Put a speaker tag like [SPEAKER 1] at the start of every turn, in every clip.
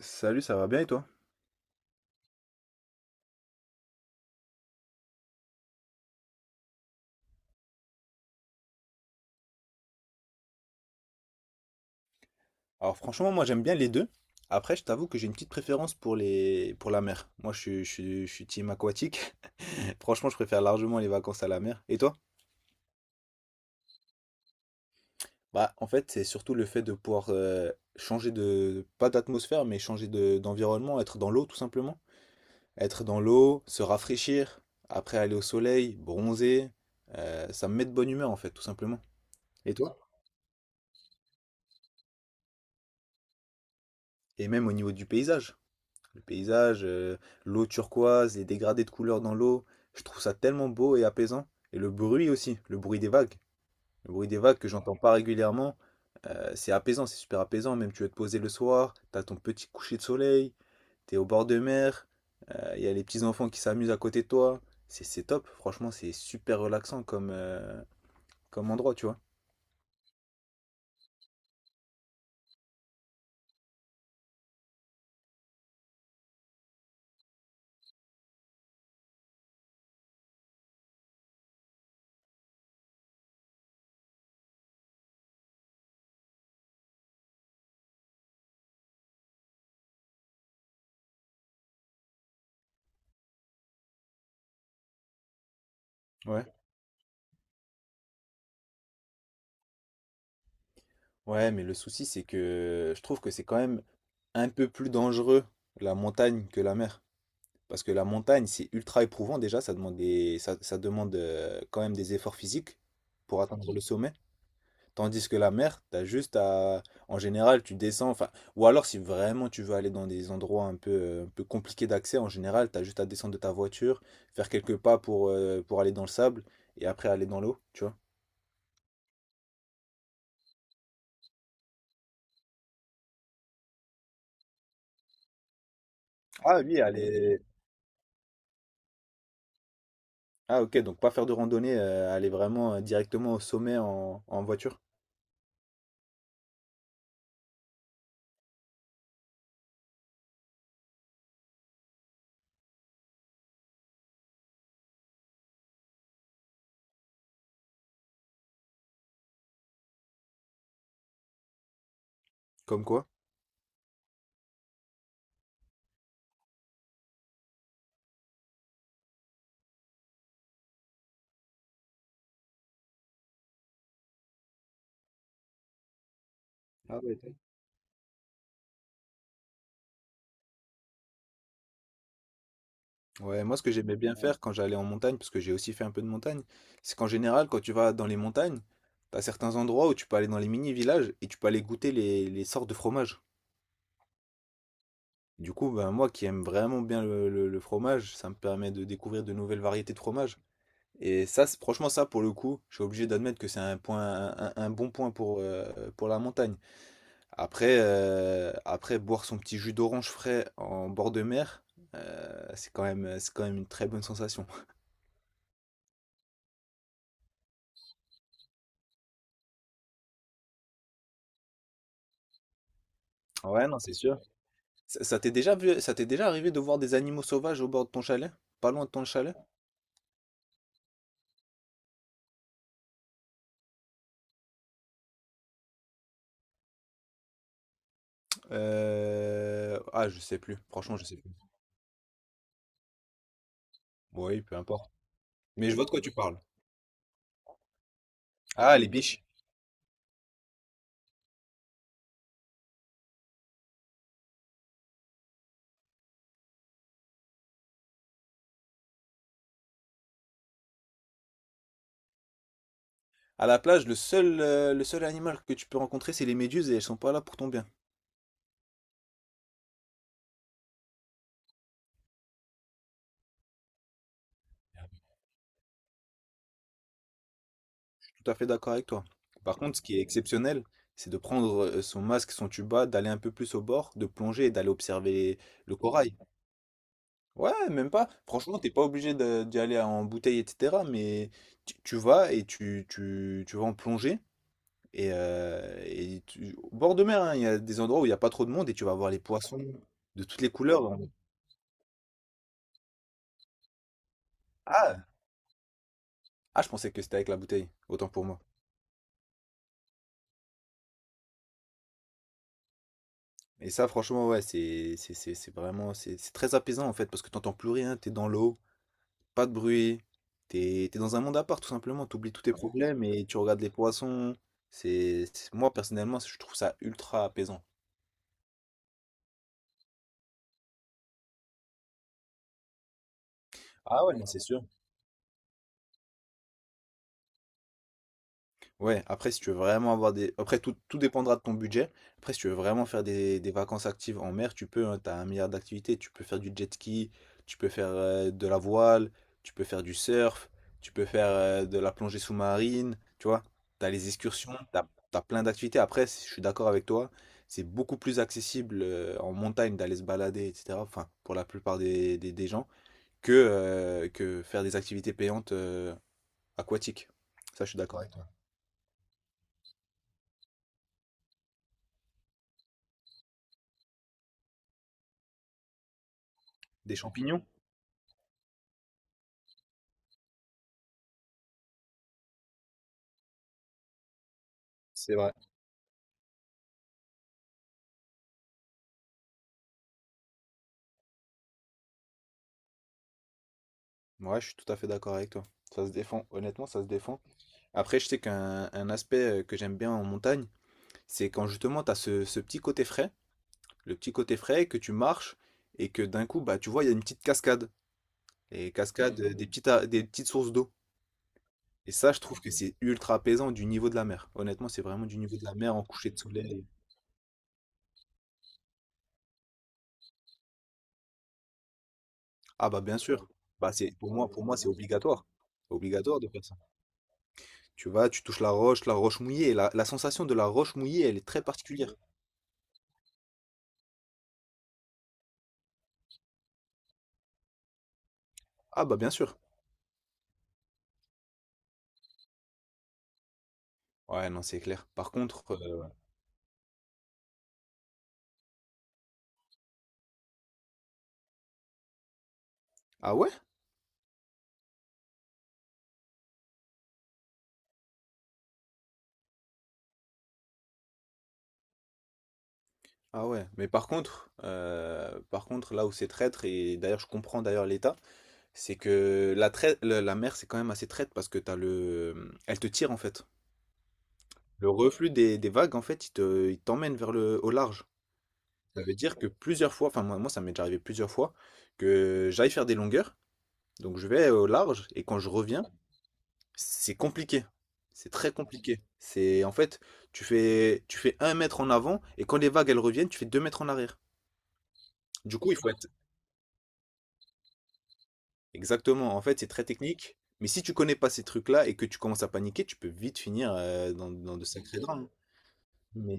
[SPEAKER 1] Salut, ça va bien et toi? Alors franchement, moi j'aime bien les deux. Après, je t'avoue que j'ai une petite préférence pour les pour la mer. Moi, je suis team aquatique. Franchement, je préfère largement les vacances à la mer. Et toi? Bah, en fait, c'est surtout le fait de pouvoir changer de pas d'atmosphère, mais changer de d'environnement, être dans l'eau tout simplement. Être dans l'eau, se rafraîchir, après aller au soleil, bronzer, ça me met de bonne humeur en fait, tout simplement. Et toi? Et même au niveau du paysage. Le paysage, l'eau turquoise, les dégradés de couleurs dans l'eau, je trouve ça tellement beau et apaisant. Et le bruit aussi, le bruit des vagues. Le bruit des vagues que j'entends pas régulièrement, c'est apaisant, c'est super apaisant. Même tu veux te poser le soir, t'as ton petit coucher de soleil, t'es au bord de mer, il y a les petits enfants qui s'amusent à côté de toi. C'est top, franchement, c'est super relaxant comme, comme endroit, tu vois. Ouais. Ouais, mais le souci, c'est que je trouve que c'est quand même un peu plus dangereux la montagne que la mer. Parce que la montagne, c'est ultra éprouvant déjà, ça demande quand même des efforts physiques pour atteindre le sommet. Tandis que la mer, t'as juste à... En général, tu descends, enfin... Ou alors, si vraiment tu veux aller dans des endroits un peu compliqués d'accès, en général, t'as juste à descendre de ta voiture, faire quelques pas pour, pour aller dans le sable, et après aller dans l'eau, tu vois. Ah oui. Ah ok, donc pas faire de randonnée, aller vraiment directement au sommet en voiture. Comme quoi? Ouais, moi ce que j'aimais bien faire quand j'allais en montagne, parce que j'ai aussi fait un peu de montagne, c'est qu'en général quand tu vas dans les montagnes, t'as certains endroits où tu peux aller dans les mini-villages et tu peux aller goûter les sortes de fromages. Du coup, ben, moi qui aime vraiment bien le fromage, ça me permet de découvrir de nouvelles variétés de fromages. Et ça, franchement ça pour le coup, je suis obligé d'admettre que c'est un bon point pour la montagne. Après, après boire son petit jus d'orange frais en bord de mer, c'est quand même une très bonne sensation. Ouais, non, c'est sûr. Ça t'est déjà arrivé de voir des animaux sauvages au bord de ton chalet? Pas loin de ton chalet? Ah, je sais plus. Franchement, je sais plus. Oui, peu importe. Mais je vois de quoi tu parles. Ah, les biches. À la plage, le seul animal que tu peux rencontrer, c'est les méduses et elles sont pas là pour ton bien. Je suis tout à fait d'accord avec toi. Par contre, ce qui est exceptionnel, c'est de prendre son masque, son tuba, d'aller un peu plus au bord, de plonger et d'aller observer le corail. Ouais, même pas. Franchement, t'es pas obligé d'y aller en bouteille, etc. Mais tu vas et tu vas en plongée. Et au bord de mer, hein, il y a des endroits où il n'y a pas trop de monde et tu vas voir les poissons de toutes les couleurs. On- Ah, ah, je pensais que c'était avec la bouteille. Autant pour moi. Et ça, franchement, ouais, c'est vraiment... C'est très apaisant, en fait, parce que t'entends plus rien. T'es dans l'eau, pas de bruit. T'es dans un monde à part, tout simplement. T'oublies tous tes problèmes et tu regardes les poissons. Moi, personnellement, je trouve ça ultra apaisant. Ah ouais, non, c'est sûr. Ouais, après, si tu veux vraiment avoir des... Après, tout dépendra de ton budget. Après, si tu veux vraiment faire des vacances actives en mer, tu peux, hein, t'as un milliard d'activités. Tu peux faire du jet ski, tu peux faire de la voile, tu peux faire du surf, tu peux faire de la plongée sous-marine, tu vois. T'as les excursions, t'as, t'as plein d'activités. Après, si- je suis d'accord avec toi, c'est beaucoup plus accessible en montagne d'aller se balader, etc. Enfin, pour la plupart des gens, que faire des activités payantes aquatiques. Ça, je suis d'accord avec toi. Des champignons, c'est vrai. Ouais, je suis tout à fait d'accord avec toi. Ça se défend, honnêtement, ça se défend. Après, je sais qu'un un aspect que j'aime bien en montagne, c'est quand justement tu as ce petit côté frais, le petit côté frais, que tu marches et que d'un coup, bah, tu vois, il y a une petite cascade. Et cascade, des petites sources d'eau. Et ça, je trouve que c'est ultra apaisant du niveau de la mer. Honnêtement, c'est vraiment du niveau de la mer en coucher de soleil. Ah bah bien sûr. Bah c'est pour moi, c'est obligatoire. Obligatoire de faire ça. Tu vas, tu touches la roche mouillée. La sensation de la roche mouillée, elle est très particulière. Ah bah bien sûr. Ouais, non, c'est clair. Par contre, ah ouais? Ah ouais. Mais par contre, là où c'est traître, et d'ailleurs je comprends d'ailleurs l'état, c'est que la mer c'est quand même assez traître parce que t'as le. Elle te tire en fait. Le reflux des vagues, en fait, il t'emmène vers au large. Ça veut dire que plusieurs fois, moi ça m'est déjà arrivé plusieurs fois, que j'aille faire des longueurs. Donc je vais au large et quand je reviens. C'est compliqué. C'est très compliqué. C'est en fait, tu fais un mètre en avant et quand les vagues elles reviennent, tu fais deux mètres en arrière. Du coup, il faut être exactement. En fait, c'est très technique. Mais si tu connais pas ces trucs-là et que tu commences à paniquer, tu peux vite finir dans, dans de sacrés drames. Mais-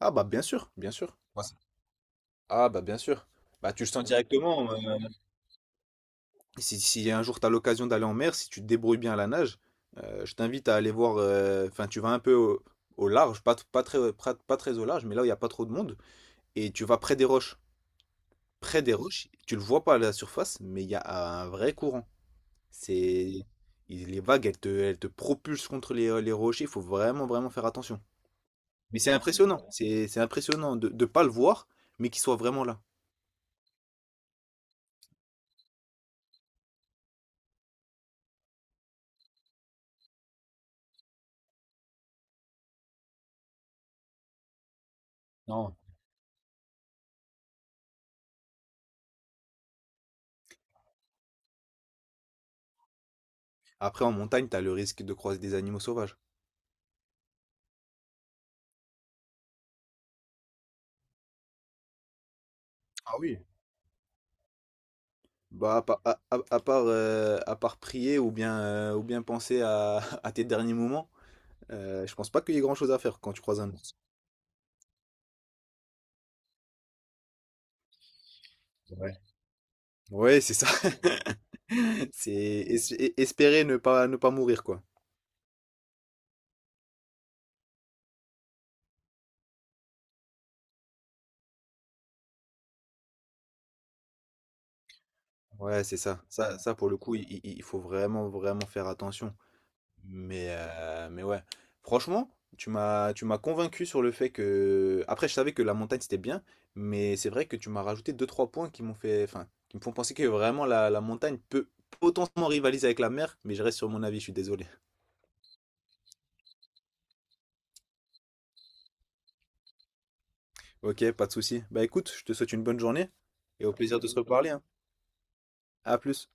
[SPEAKER 1] Ah bah bien sûr, bien sûr. Ah bah bien sûr. Bah tu le sens directement. Si, si un jour tu as l'occasion d'aller en mer, si tu te débrouilles bien à la nage, je t'invite à aller voir. Enfin, tu vas un peu au large, pas, t- pas très, pas, pas très au large, mais là où il n'y a pas trop de monde. Et tu vas près des roches. Près des roches, tu le vois pas à la surface, mais il y a un vrai courant. C'est. Les vagues, elles te propulsent contre les rochers. Il faut vraiment, vraiment faire attention. Mais c'est impressionnant. C'est impressionnant de ne pas le voir, mais qu'il soit vraiment là. Non. Après, en montagne, tu as le risque de croiser des animaux sauvages. Ah oui, bah, à part prier ou bien penser à, à tes derniers moments, je pense pas qu'il y ait grand-chose à faire quand tu croises un ours. Ouais. Ouais, c'est ça. Espérer ne pas, ne pas mourir, quoi. Ouais, c'est ça. Ça, pour le coup, il faut vraiment, vraiment faire attention. Mais ouais, franchement, tu m'as convaincu sur le fait que... Après, je savais que la montagne, c'était bien, mais c'est vrai que tu m'as rajouté deux trois points qui m'ont fait... Enfin, qui me font penser que vraiment la montagne peut potentiellement rivaliser avec la mer, mais je reste sur mon avis, je suis désolé. Ok, pas de souci. Bah écoute, je te souhaite une bonne journée et au plaisir de se reparler, hein. À plus.